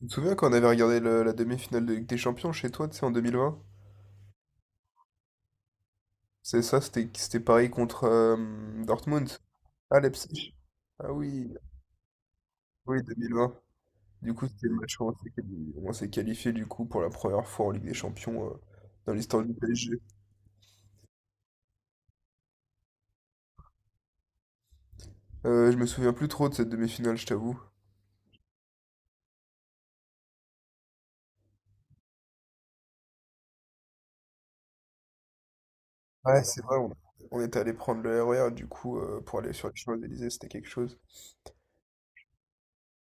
Je me souviens quand on avait regardé la demi-finale de Ligue des Champions chez toi, tu sais, en 2020? C'est ça, c'était pareil contre Dortmund. Ah, Leipzig. Ah oui, oui, 2020. Du coup, c'était le match où on s'est qualifié du coup pour la première fois en Ligue des Champions, dans l'histoire du PSG. Je me souviens plus trop de cette demi-finale, je t'avoue. Ouais, c'est vrai, on était allé prendre le RER du coup, pour aller sur les Champs-Élysées, c'était quelque chose.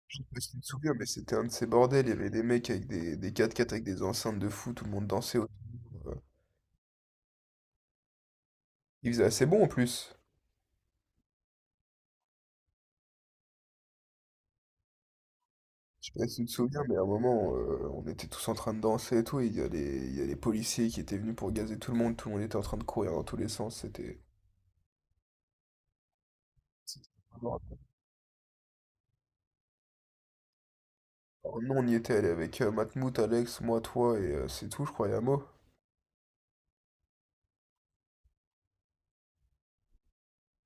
Je sais pas si tu te souviens, mais c'était un de ces bordels. Il y avait des mecs avec des 4 x avec des enceintes de fou, tout le monde dansait autour. euh, Il faisait assez bon en plus. Je sais pas si tu te souviens, mais à un moment, on était tous en train de danser et tout, et il y a les policiers qui étaient venus pour gazer tout le monde était en train de courir dans tous les sens. C'était adorable. Alors, nous, on y était allé avec Matmout, Alex, moi, toi, et c'est tout, je crois, Yamo.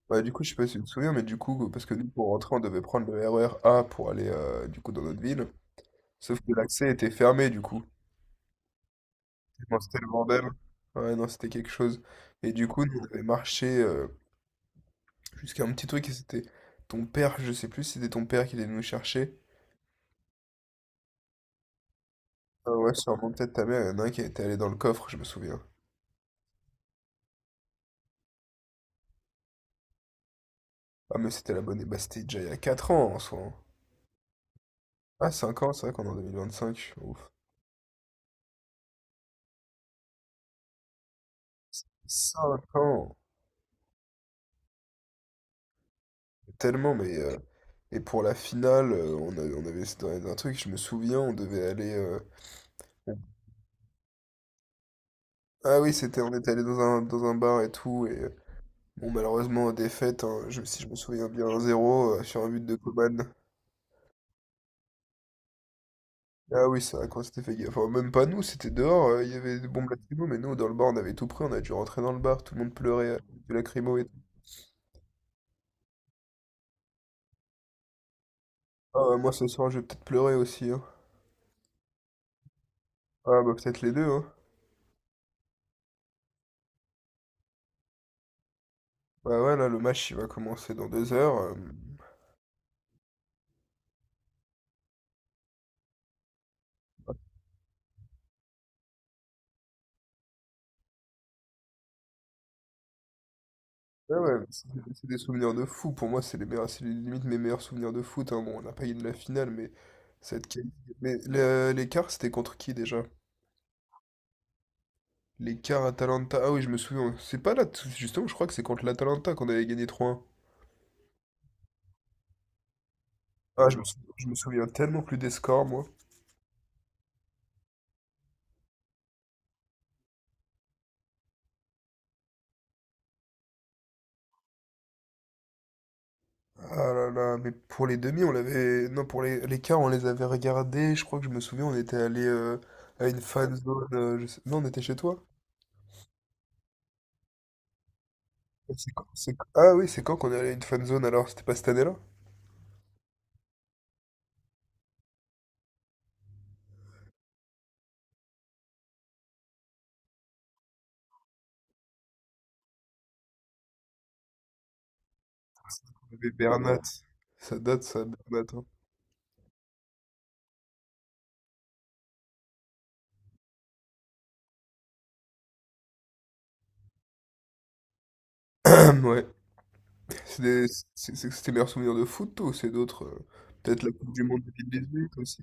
Bah du coup, je sais pas si tu te souviens, mais du coup, parce que nous, pour rentrer, on devait prendre le RER A pour aller, du coup, dans notre ville, sauf que l'accès était fermé, du coup. Tellement c'était le bordel. Ouais, non, c'était quelque chose. Et du coup, nous, on avait marché, jusqu'à un petit truc, et c'était ton père, je sais plus si c'était ton père qui allait nous chercher. Ah ouais, sûrement peut-être ta mère, il y en a un qui était allé dans le coffre, je me souviens. Ah mais c'était la bonne, et bah c'était déjà il y a 4 ans en soi, hein. Ah 5 ans, c'est vrai qu'on est en 2025, ouf. 5 ans, tellement, mais et pour la finale, on, a- on avait c'était un truc, je me souviens, on devait aller, on- Ah oui, c'était, on était allé dans dans un bar et tout, et bon, malheureusement, défaite, hein. Si je me souviens bien, 1-0, sur un but de Coman. Ah oui, c'est vrai qu'on s'était fait gaffe. Enfin, même pas nous, c'était dehors, il y avait des bombes lacrymo, mais nous, dans le bar, on avait tout pris, on a dû rentrer dans le bar, tout le monde pleurait, du lacrymo et tout. Ah, ouais, moi, ce soir, je vais peut-être pleurer aussi, hein. Ah, bah, peut-être les deux, hein. Bah ouais, là, le match, il va commencer dans 2 heures. Ouais, ouais, mais c'est des souvenirs de fou. Pour moi, c'est les meilleurs, c'est limite mes meilleurs souvenirs de foot, hein. Bon, on n'a pas gagné la finale, mais cette quali- Mais le- l'écart, c'était contre qui, déjà? L'écart Atalanta. Ah oui, je me souviens. C'est pas là. Justement, je crois que c'est contre l'Atalanta qu'on avait gagné 3-1. Ah, je me souviens tellement plus des scores, moi. Ah là là, mais pour les demi, on l'avait. Non, pour les quarts, on les avait regardés. Je crois que je me souviens, on était allé à une fan zone. Non, on était chez toi. Ah oui, c'est quand qu'on est allé à une fan zone alors? C'était pas cette année-là? On avait Bernat. Ça date, ça, Bernat, hein. Ouais. C'est des- c'est- C'était les meilleurs souvenirs de foot, toi, ou c'est d'autres? Peut-être la Coupe du Monde 2018 aussi.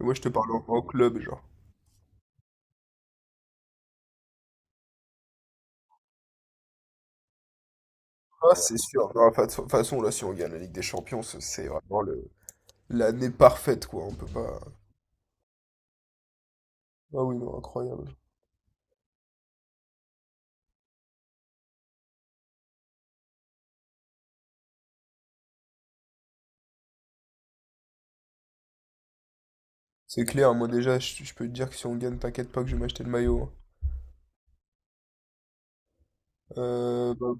Et moi, je te parle en club, genre. Ah, c'est sûr. Non, de toute façon, là, si on gagne la Ligue des Champions, c'est vraiment l'année parfaite, quoi. On peut pas. Ah oui, non, incroyable. C'est clair, moi déjà, je peux te dire que si on gagne, t'inquiète pas que je vais m'acheter le maillot, hein. Bah,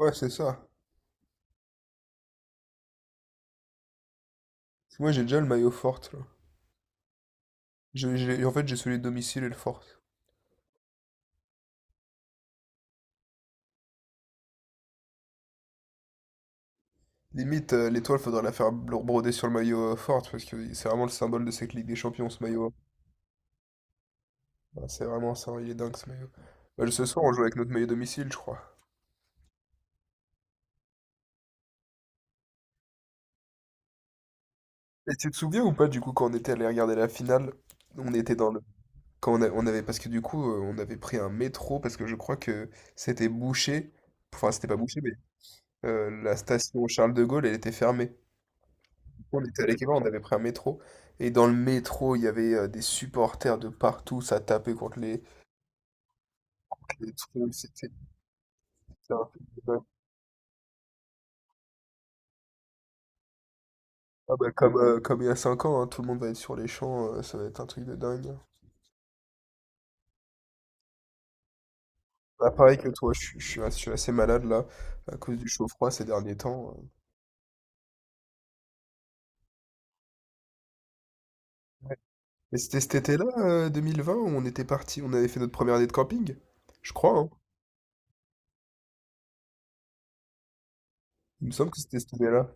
ouais, c'est ça. Parce que moi, j'ai déjà le maillot forte, là. En fait, j'ai celui de domicile et le forte. Limite, l'étoile, faudrait la faire broder sur le maillot, forte, parce que c'est vraiment le symbole de cette Ligue des Champions, ce maillot. Ah, c'est vraiment ça, il est dingue, ce maillot. Bah, ce soir, on joue avec notre maillot domicile, je crois. Et tu te souviens ou pas, du coup, quand on était allé regarder la finale, on était dans le, Quand on a- on avait, parce que du coup, on avait pris un métro, parce que je crois que c'était bouché. Enfin, c'était pas bouché, mais la station Charles de Gaulle, elle était fermée. On était allé quelque on avait pris un métro. Et dans le métro, il y avait des supporters de partout, ça tapait contre les trucs. C'était un truc de dingue. Ah bah, comme il y a 5 ans, hein, tout le monde va être sur les champs, ça va être un truc de dingue, hein. Bah, pareil que toi, je suis assez malade là, à cause du chaud-froid ces derniers temps. euh. Mais c'était cet été-là, 2020, où on était parti, on avait fait notre première année de camping? Je crois, hein. Il me semble que c'était cette année-là.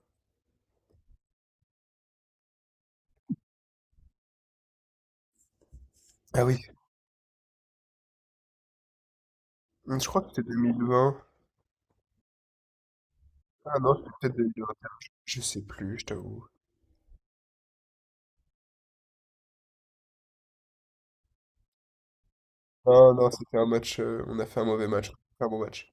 Ah oui. Je crois que c'était 2020. Ah non, c'était peut-être 2021. Je sais plus, je t'avoue. Non, non, c'était un match, on a fait un mauvais match. Un bon match.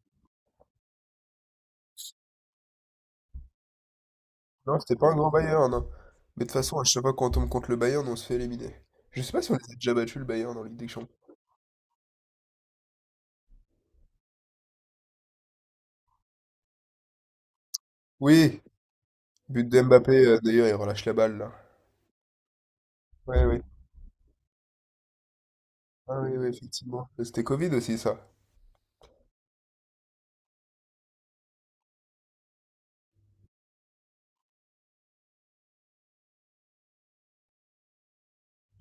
Non, c'était pas un grand Bayern, non. Mais de toute façon, à chaque fois qu'on tombe contre le Bayern, on se fait éliminer. Je sais pas si on les a déjà battus, le Bayern, en Ligue des Champions. Oui, but de Mbappé, d'ailleurs, il relâche la balle, là. Oui, oui. Ah oui, oui, effectivement. C'était Covid aussi, ça.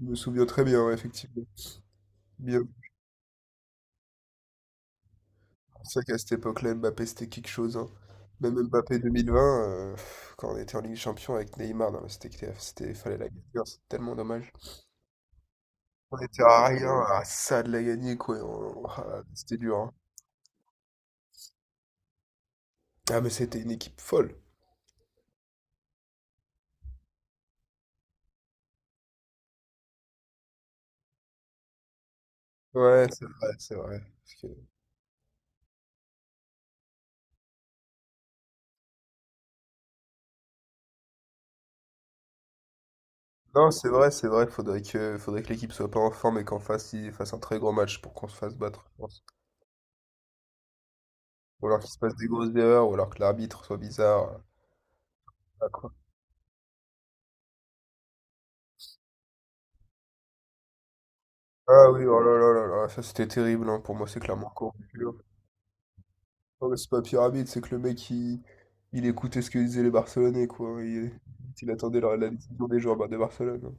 Je me souviens très bien, ouais, effectivement. Bien. C'est vrai qu'à cette époque-là, Mbappé, c'était quelque chose, hein. Même Mbappé 2020, quand on était en Ligue des Champions avec Neymar, non, mais fallait la gagner, hein, c'est tellement dommage. On était à rien, à ça de la gagner, quoi. C'était dur, hein. Ah, mais c'était une équipe folle. Ouais, c'est vrai, c'est vrai. Non, c'est vrai, c'est vrai. Faudrait que l'équipe soit pas en forme et qu'en face, ils fassent un très gros match pour qu'on se fasse battre, je pense. Ou alors qu'il se passe des grosses erreurs, ou alors que l'arbitre soit bizarre. Ah, quoi. Ah oui, oh là là là là, ça c'était terrible, hein. Pour moi, c'est clairement corrompu, hein. Non, mais c'est pas pyramide, c'est que le mec, il écoutait ce que disaient les Barcelonais, quoi. Il attendait la décision des joueurs bah, de Barcelone, hein.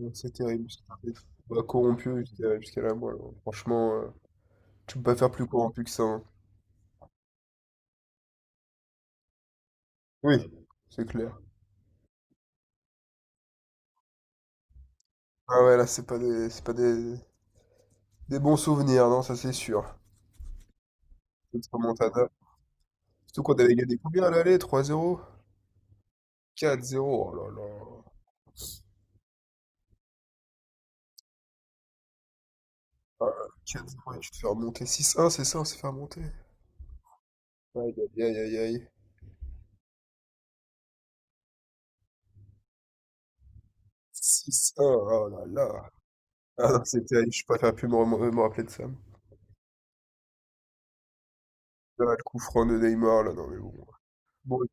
Donc, c'est terrible. Bah, corrompu jusqu'à la moelle, hein. Franchement, tu peux pas faire plus corrompu que ça, hein. Oui, c'est clair. Ah ouais, là, c'est pas des bons souvenirs, non, ça c'est sûr. Cette remontada. Surtout qu'on avait gagné combien à l'aller? 3-0? 4-0, oh là là. Ah, 4-0, et tu te fais remonter. 6-1, c'est ça, on s'est fait remonter. Aïe, aïe, aïe, aïe, aïe. 6-1, oh là là. Ah non, c'est terrible, je préfère plus me rappeler de ça. Ah, le coup franc de Neymar, là, non mais bon. Bon, éc-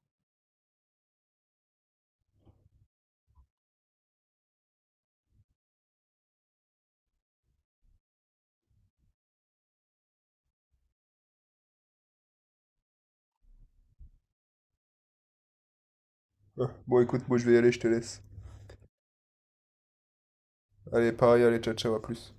ah, bon, écoute, moi je vais y aller, je te laisse. Allez, pareil, allez, ciao, ciao, à plus.